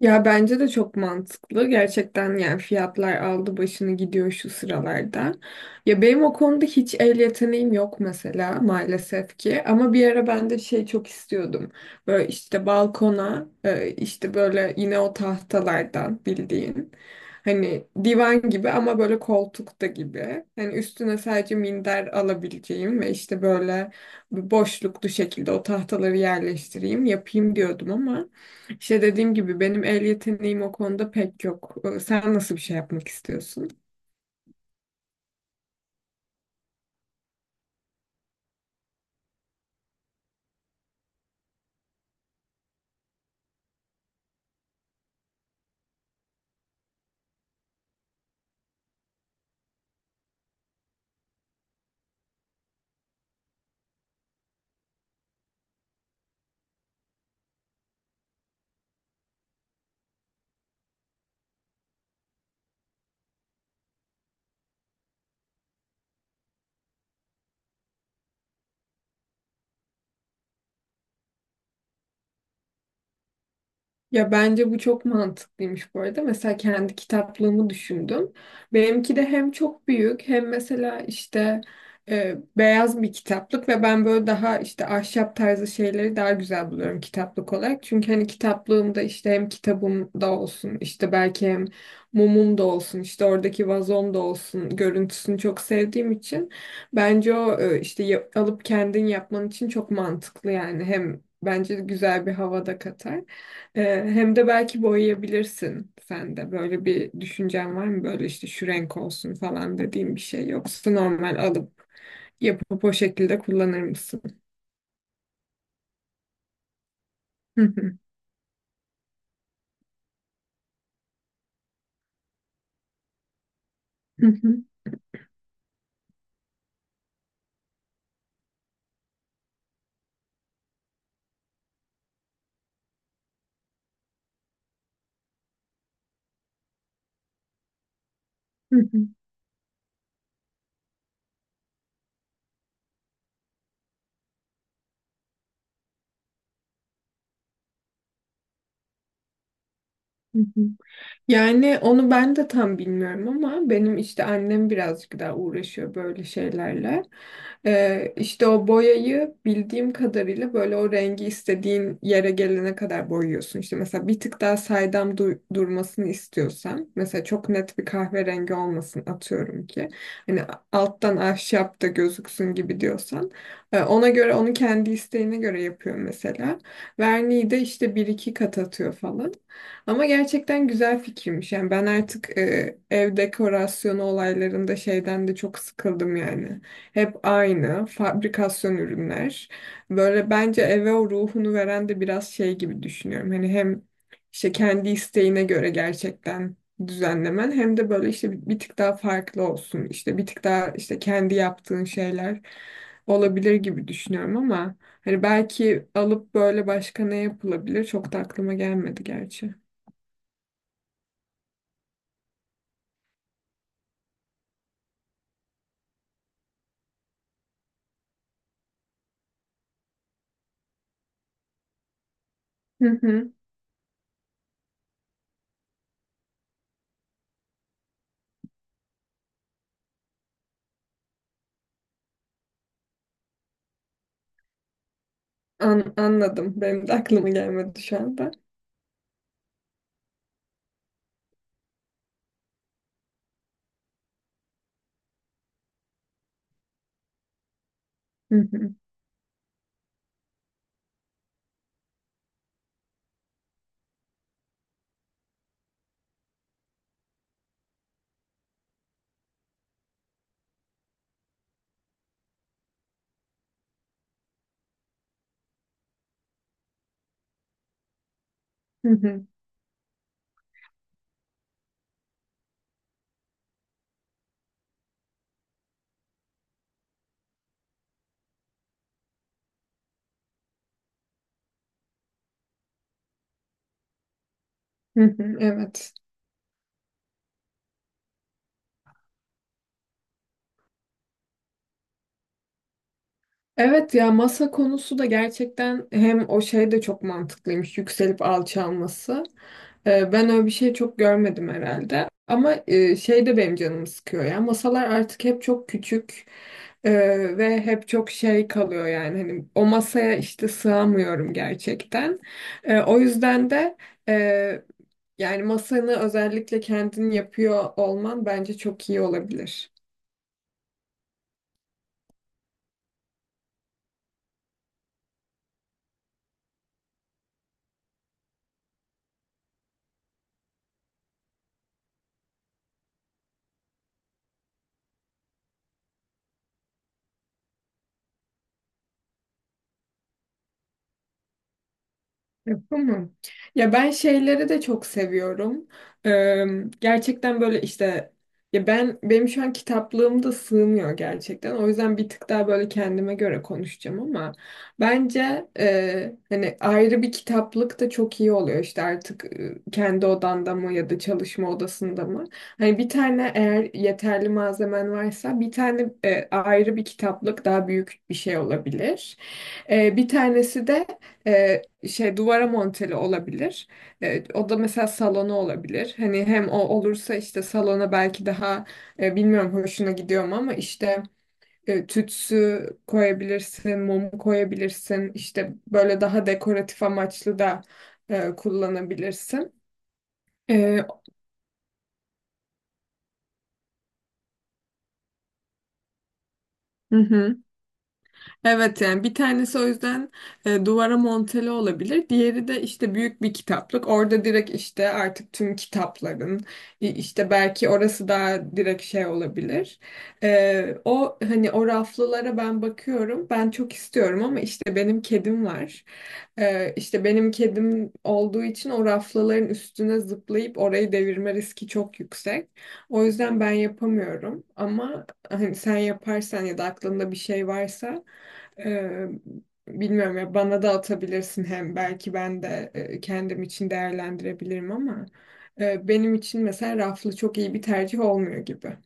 Ya bence de çok mantıklı. Gerçekten yani fiyatlar aldı başını gidiyor şu sıralarda. Ya benim o konuda hiç el yeteneğim yok mesela maalesef ki. Ama bir ara ben de şey çok istiyordum. Böyle işte balkona işte böyle yine o tahtalardan bildiğin. Hani divan gibi ama böyle koltukta gibi. Hani üstüne sadece minder alabileceğim ve işte böyle boşluklu şekilde o tahtaları yerleştireyim yapayım diyordum ama işte dediğim gibi benim el yeteneğim o konuda pek yok. Sen nasıl bir şey yapmak istiyorsun? Ya bence bu çok mantıklıymış bu arada. Mesela kendi kitaplığımı düşündüm. Benimki de hem çok büyük hem mesela işte beyaz bir kitaplık ve ben böyle daha işte ahşap tarzı şeyleri daha güzel buluyorum kitaplık olarak. Çünkü hani kitaplığımda işte hem kitabım da olsun işte belki hem mumum da olsun işte oradaki vazom da olsun görüntüsünü çok sevdiğim için bence o işte alıp kendin yapman için çok mantıklı yani hem bence güzel bir havada katar. Hem de belki boyayabilirsin sen de. Böyle bir düşüncen var mı? Böyle işte şu renk olsun falan dediğim bir şey. Yoksa normal alıp yapıp o şekilde kullanır mısın? Yani onu ben de tam bilmiyorum ama benim işte annem birazcık daha uğraşıyor böyle şeylerle. İşte o boyayı bildiğim kadarıyla böyle o rengi istediğin yere gelene kadar boyuyorsun. İşte mesela bir tık daha saydam durmasını istiyorsan mesela çok net bir kahverengi olmasın atıyorum ki. Hani alttan ahşap da gözüksün gibi diyorsan. Ona göre onu kendi isteğine göre yapıyor mesela. Verniği de işte bir iki kat atıyor falan. Ama gerçekten güzel fikirmiş. Yani ben artık ev dekorasyonu olaylarında şeyden de çok sıkıldım yani. Hep aynı fabrikasyon ürünler. Böyle bence eve o ruhunu veren de biraz şey gibi düşünüyorum. Hani hem işte kendi isteğine göre gerçekten düzenlemen hem de böyle işte bir tık daha farklı olsun. İşte bir tık daha işte kendi yaptığın şeyler olabilir gibi düşünüyorum ama hani belki alıp böyle başka ne yapılabilir çok da aklıma gelmedi gerçi. Hı hı. Anladım. Benim de aklıma gelmedi şu anda. Hı hı. Hı hı. Hı hı. Evet. Evet ya masa konusu da gerçekten hem o şey de çok mantıklıymış yükselip alçalması. Ben öyle bir şey çok görmedim herhalde. Ama şey de benim canımı sıkıyor ya. Masalar artık hep çok küçük e, ve hep çok şey kalıyor yani. Hani o masaya işte sığamıyorum gerçekten. O yüzden de. Yani masanı özellikle kendin yapıyor olman bence çok iyi olabilir. Yapamam. Ya ben şeyleri de çok seviyorum. Ee, Gerçekten böyle işte ya ben benim şu an kitaplığım da sığmıyor gerçekten. O yüzden bir tık daha böyle kendime göre konuşacağım ama bence hani ayrı bir kitaplık da çok iyi oluyor. İşte artık kendi odanda mı ya da çalışma odasında mı? Hani bir tane eğer yeterli malzemen varsa bir tane ayrı bir kitaplık daha büyük bir şey olabilir. Bir tanesi de e, şey duvara monteli olabilir. O da mesela salona olabilir. Hani hem o olursa işte salona belki daha bilmiyorum hoşuna gidiyor mu ama işte tütsü koyabilirsin, mum koyabilirsin. İşte böyle daha dekoratif amaçlı da kullanabilirsin. E, hı hı. Evet yani bir tanesi o yüzden duvara monteli olabilir. Diğeri de işte büyük bir kitaplık. Orada direkt işte artık tüm kitapların işte belki orası daha direkt şey olabilir. O hani o raflılara ben bakıyorum. Ben çok istiyorum ama işte benim kedim var. İşte benim kedim olduğu için o raflıların üstüne zıplayıp orayı devirme riski çok yüksek. O yüzden ben yapamıyorum ama hani sen yaparsan ya da aklında bir şey varsa ee, bilmiyorum ya bana da atabilirsin hem belki ben de kendim için değerlendirebilirim ama benim için mesela raflı çok iyi bir tercih olmuyor gibi.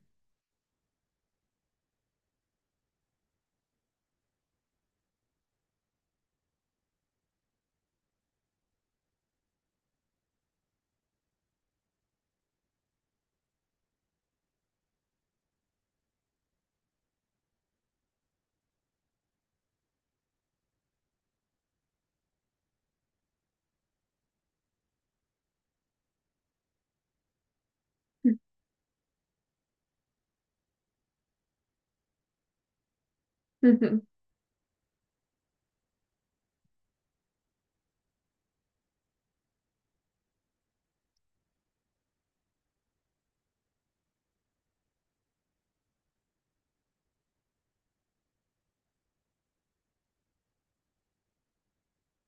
Hı hı,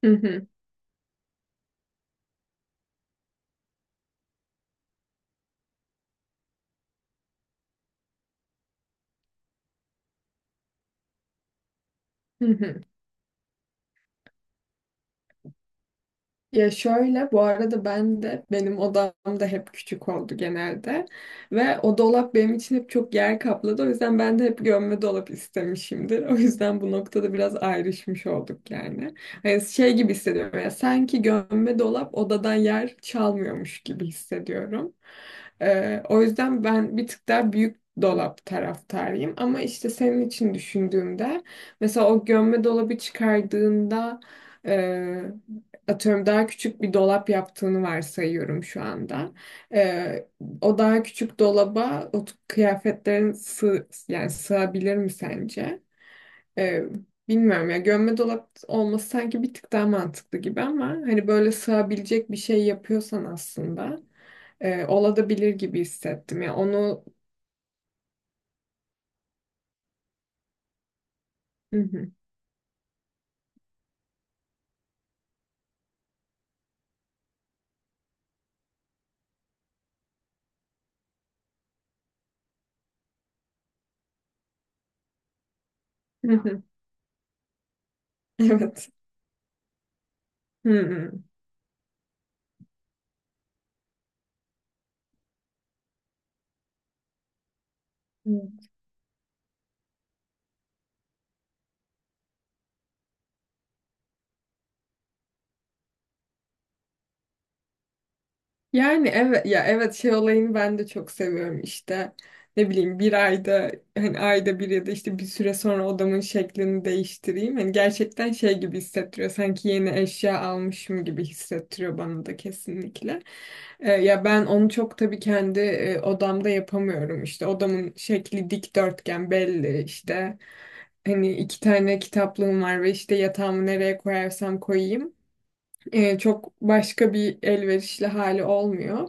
hı hı, hı hı. Ya şöyle, bu arada ben de benim odam da hep küçük oldu genelde ve o dolap benim için hep çok yer kapladı. O yüzden ben de hep gömme dolap istemişimdir. O yüzden bu noktada biraz ayrışmış olduk yani. Hani şey gibi hissediyorum ya sanki gömme dolap odadan yer çalmıyormuş gibi hissediyorum. O yüzden ben bir tık daha büyük dolap taraftarıyım ama işte senin için düşündüğümde mesela o gömme dolabı çıkardığında atıyorum daha küçük bir dolap yaptığını varsayıyorum şu anda. Ee, O daha küçük dolaba o kıyafetlerin yani sığabilir mi sence? Ee, Bilmiyorum ya gömme dolap olması sanki bir tık daha mantıklı gibi ama hani böyle sığabilecek bir şey yapıyorsan aslında olabilir gibi hissettim ya onu. Hı hı. Hı hı. Evet. Hı hı. Yani evet ya evet şey olayını ben de çok seviyorum işte ne bileyim bir ayda hani ayda bir ya da işte bir süre sonra odamın şeklini değiştireyim. Hani gerçekten şey gibi hissettiriyor sanki yeni eşya almışım gibi hissettiriyor bana da kesinlikle. Ya ben onu çok tabii kendi odamda yapamıyorum işte odamın şekli dikdörtgen belli işte hani iki tane kitaplığım var ve işte yatağımı nereye koyarsam koyayım çok başka bir elverişli hali olmuyor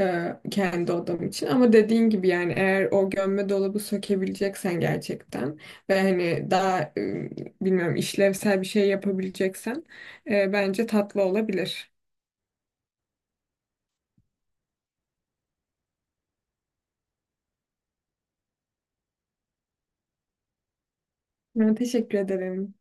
kendi odam için. Ama dediğin gibi yani eğer o gömme dolabı sökebileceksen gerçekten ve hani daha bilmiyorum işlevsel bir şey yapabileceksen bence tatlı olabilir. Ben teşekkür ederim.